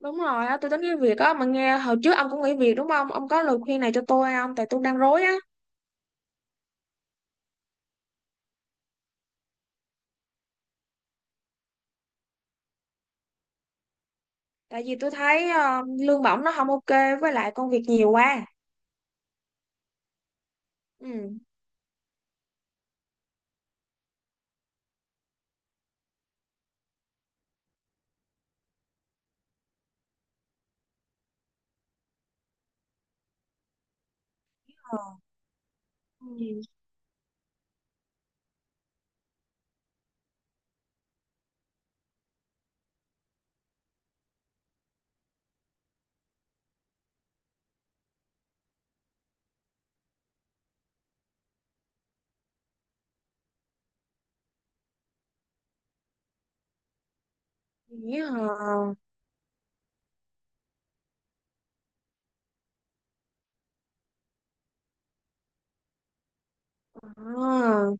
Đúng rồi á, tôi tính nghỉ việc á, mà nghe hồi trước ông cũng nghỉ việc đúng không? Ông có lời khuyên này cho tôi không? Tại tôi đang rối á. Tại vì tôi thấy lương bổng nó không ok, với lại công việc nhiều quá. Ừ. Ừ. Nghĩ hả? À.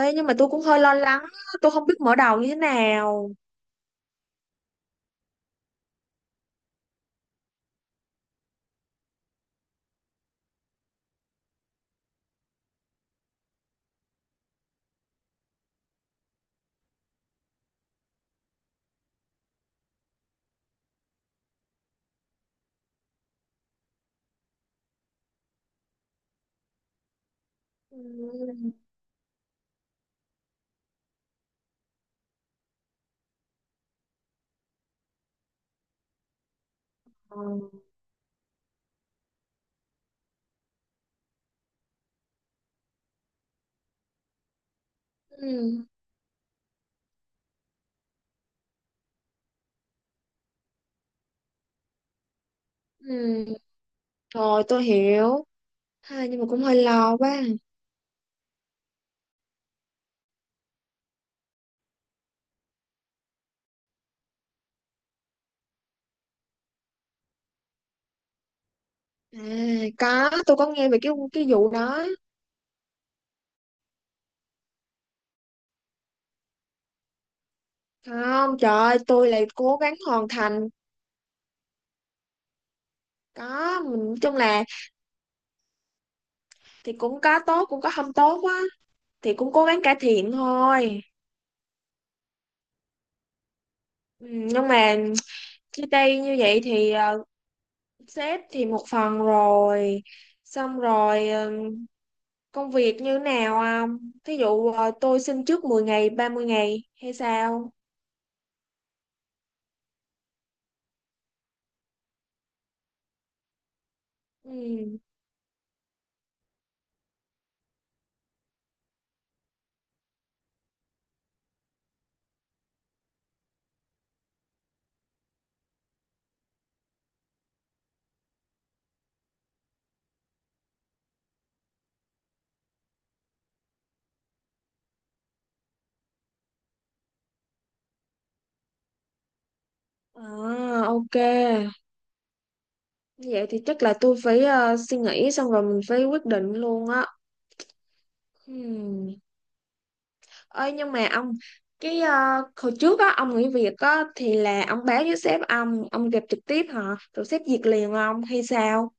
Ê, nhưng mà tôi cũng hơi lo lắng, á, tôi không biết mở đầu như thế nào. Ừ. Ờ. Ừ. Ừ. Rồi tôi hiểu. À, nhưng mà cũng hơi lo quá. À, có, tôi có nghe về cái vụ đó. Không, trời ơi, tôi lại cố gắng hoàn thành. Có, mình nói chung là thì cũng có tốt cũng có không tốt á, thì cũng cố gắng cải thiện thôi. Ừ, nhưng mà chia tay như vậy thì sếp thì một phần rồi, xong rồi công việc như nào không, thí dụ tôi xin trước 10 ngày, 30 ngày hay sao? Ừ. À, ok, như vậy thì chắc là tôi phải suy nghĩ xong rồi mình phải quyết định luôn á. Ừ. Ơi nhưng mà ông cái hồi trước á ông nghỉ việc á thì là ông báo với sếp, ông gặp trực tiếp hả, rồi sếp duyệt liền ông hay sao?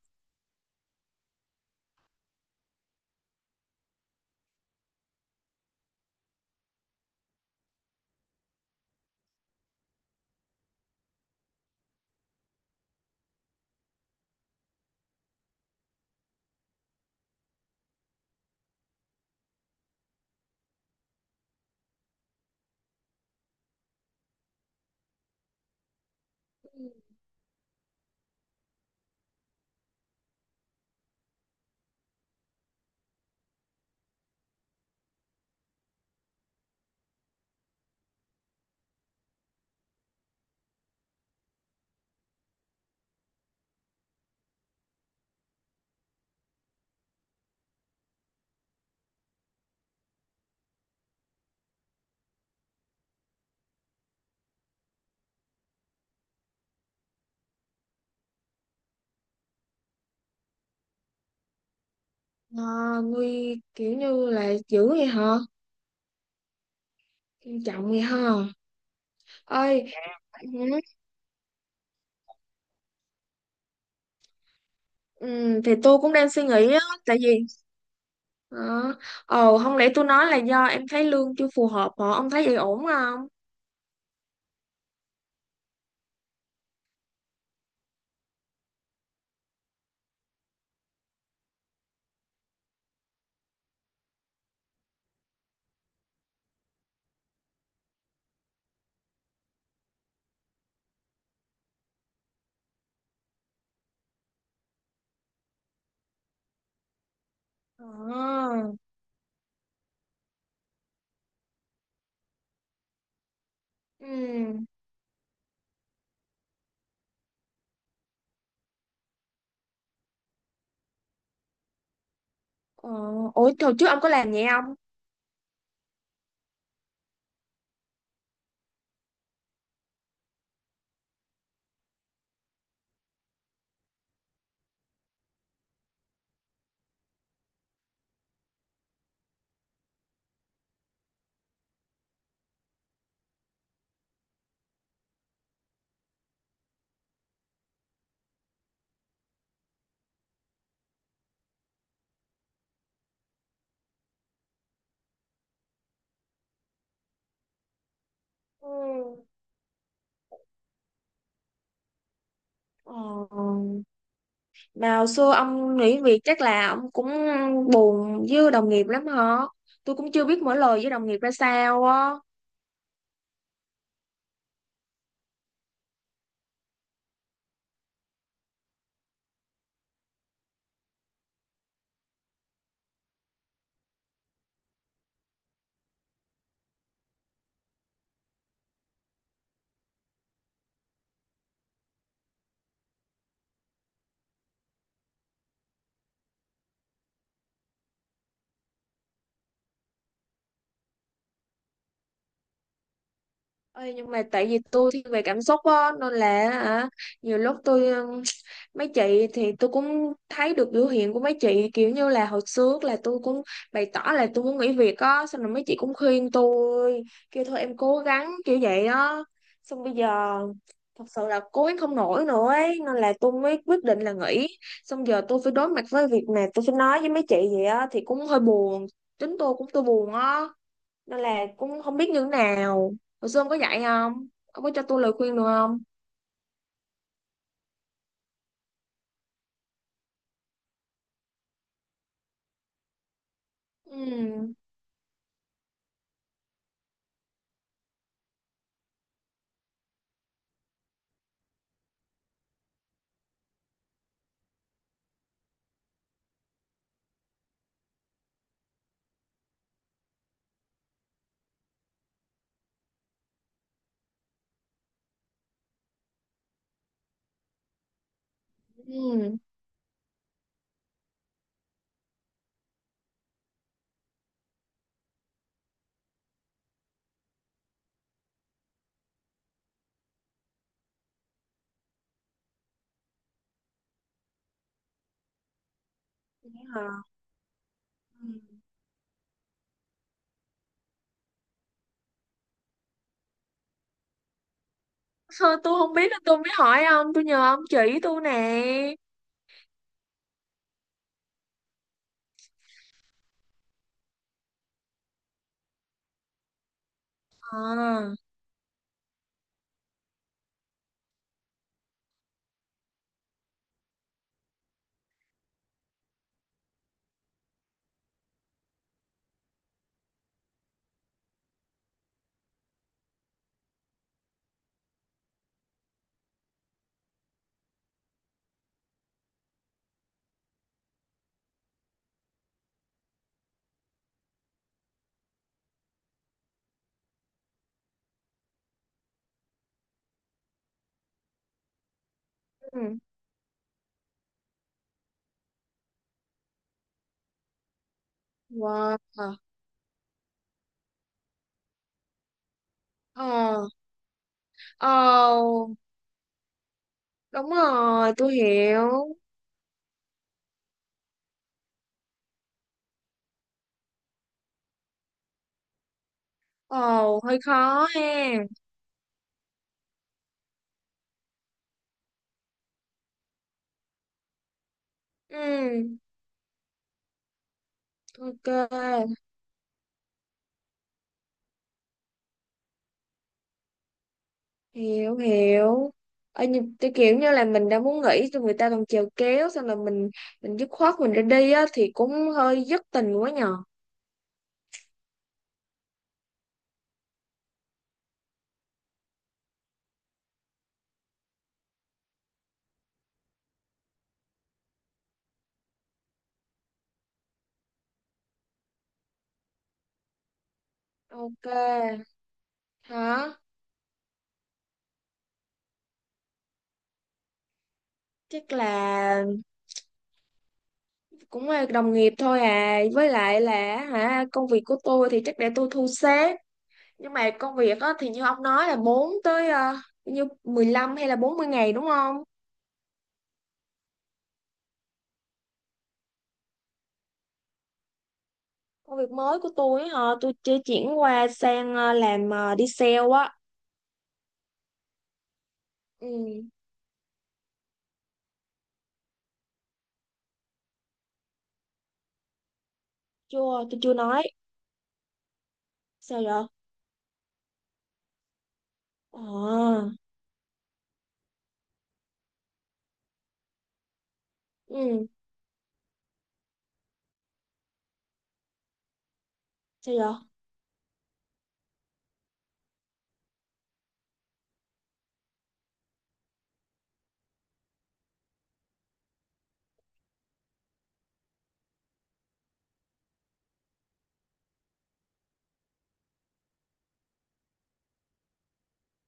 À, nguy kiểu như là dữ vậy hả? Nghiêm trọng vậy hả? Ơi, ừ, thì tôi cũng đang suy nghĩ á, tại vì ờ ồ, không lẽ tôi nói là do em thấy lương chưa phù hợp, hả ông thấy vậy ổn không? Ờ. Ừ. Ờ. Ủa hồi trước ông có làm vậy không? Ừ. Ờ. Mà hồi xưa ông nghỉ việc chắc là ông cũng buồn với đồng nghiệp lắm hả? Tôi cũng chưa biết mở lời với đồng nghiệp ra sao á. Ê, nhưng mà tại vì tôi thiên về cảm xúc á nên là, hả, nhiều lúc tôi mấy chị thì tôi cũng thấy được biểu hiện của mấy chị, kiểu như là hồi trước là tôi cũng bày tỏ là tôi muốn nghỉ việc á, xong rồi mấy chị cũng khuyên tôi kêu thôi em cố gắng kiểu vậy á, xong bây giờ thật sự là cố gắng không nổi nữa ấy, nên là tôi mới quyết định là nghỉ. Xong giờ tôi phải đối mặt với việc mà tôi phải nói với mấy chị vậy á thì cũng hơi buồn. Chính tôi cũng tôi buồn á, nên là cũng không biết như thế nào. Hồi xưa ông có dạy không? Ông có cho tôi lời khuyên được không? Ừ. Ừ. Vậy hả. Ừ. Thôi, tôi không biết nên tôi mới hỏi ông, tôi nhờ ông chỉ tôi nè. À. Ừ. Wow. Ờ. Ờ, đúng rồi tôi hiểu. Ồ, hơi khó ha. Ừ. Ok. Hiểu hiểu. Ở như cái kiểu như là mình đã muốn nghỉ rồi người ta còn chèo kéo, xong là mình dứt khoát mình ra đi á thì cũng hơi dứt tình quá nhờ. Ok. Hả? Chắc là cũng là đồng nghiệp thôi à, với lại là, hả, công việc của tôi thì chắc để tôi thu xếp, nhưng mà công việc á thì như ông nói là 4 tới như 15 hay là 40 ngày đúng không? Công việc mới của tôi á hả, tôi chưa chuyển qua sang làm đi sale á. Ừ. Chưa, tôi chưa nói. Sao vậy? Ờ. Ừ. Sao vậy?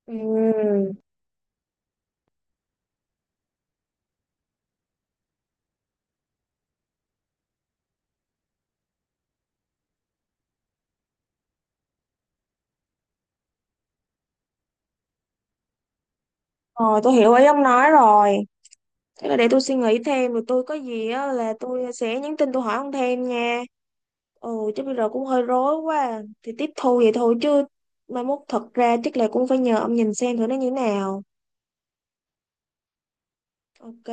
Ừ. Rồi tôi hiểu ý ông nói rồi. Thế là để tôi suy nghĩ thêm, rồi tôi có gì á là tôi sẽ nhắn tin tôi hỏi ông thêm nha. Ừ. Chứ bây giờ cũng hơi rối quá à. Thì tiếp thu vậy thôi chứ, mai mốt thật ra chắc là cũng phải nhờ ông nhìn xem thử nó như thế nào. Ok.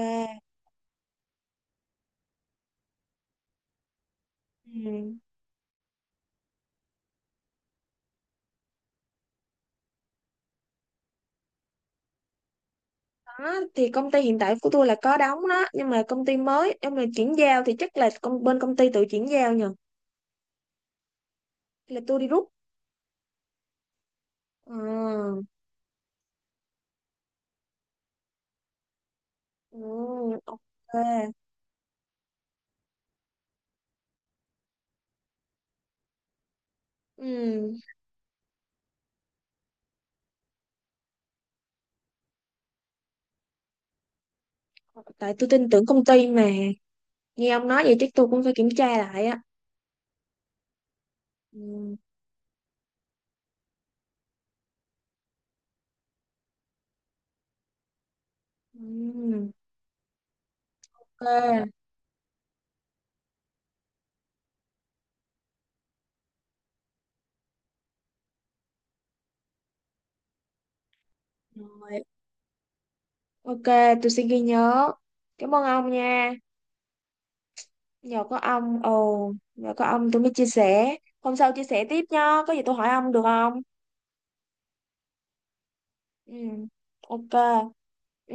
Ừ. Đó thì công ty hiện tại của tôi là có đóng đó, nhưng mà công ty mới, nhưng mà chuyển giao thì chắc là bên công ty tự chuyển giao nhờ. Là tôi đi rút à? Ừ, ok. Ừ, tại tôi tin tưởng công ty mà. Nghe ông nói vậy chắc tôi cũng phải kiểm tra lại á. Ừ. Ừ. Ok. Rồi. Ok, tôi sẽ ghi nhớ. Cảm ơn ông nha, nhờ có ông. Ồ, nhờ có ông tôi mới chia sẻ, hôm sau chia sẻ tiếp nha, có gì tôi hỏi ông được không? Ừ. Ok. Ừ.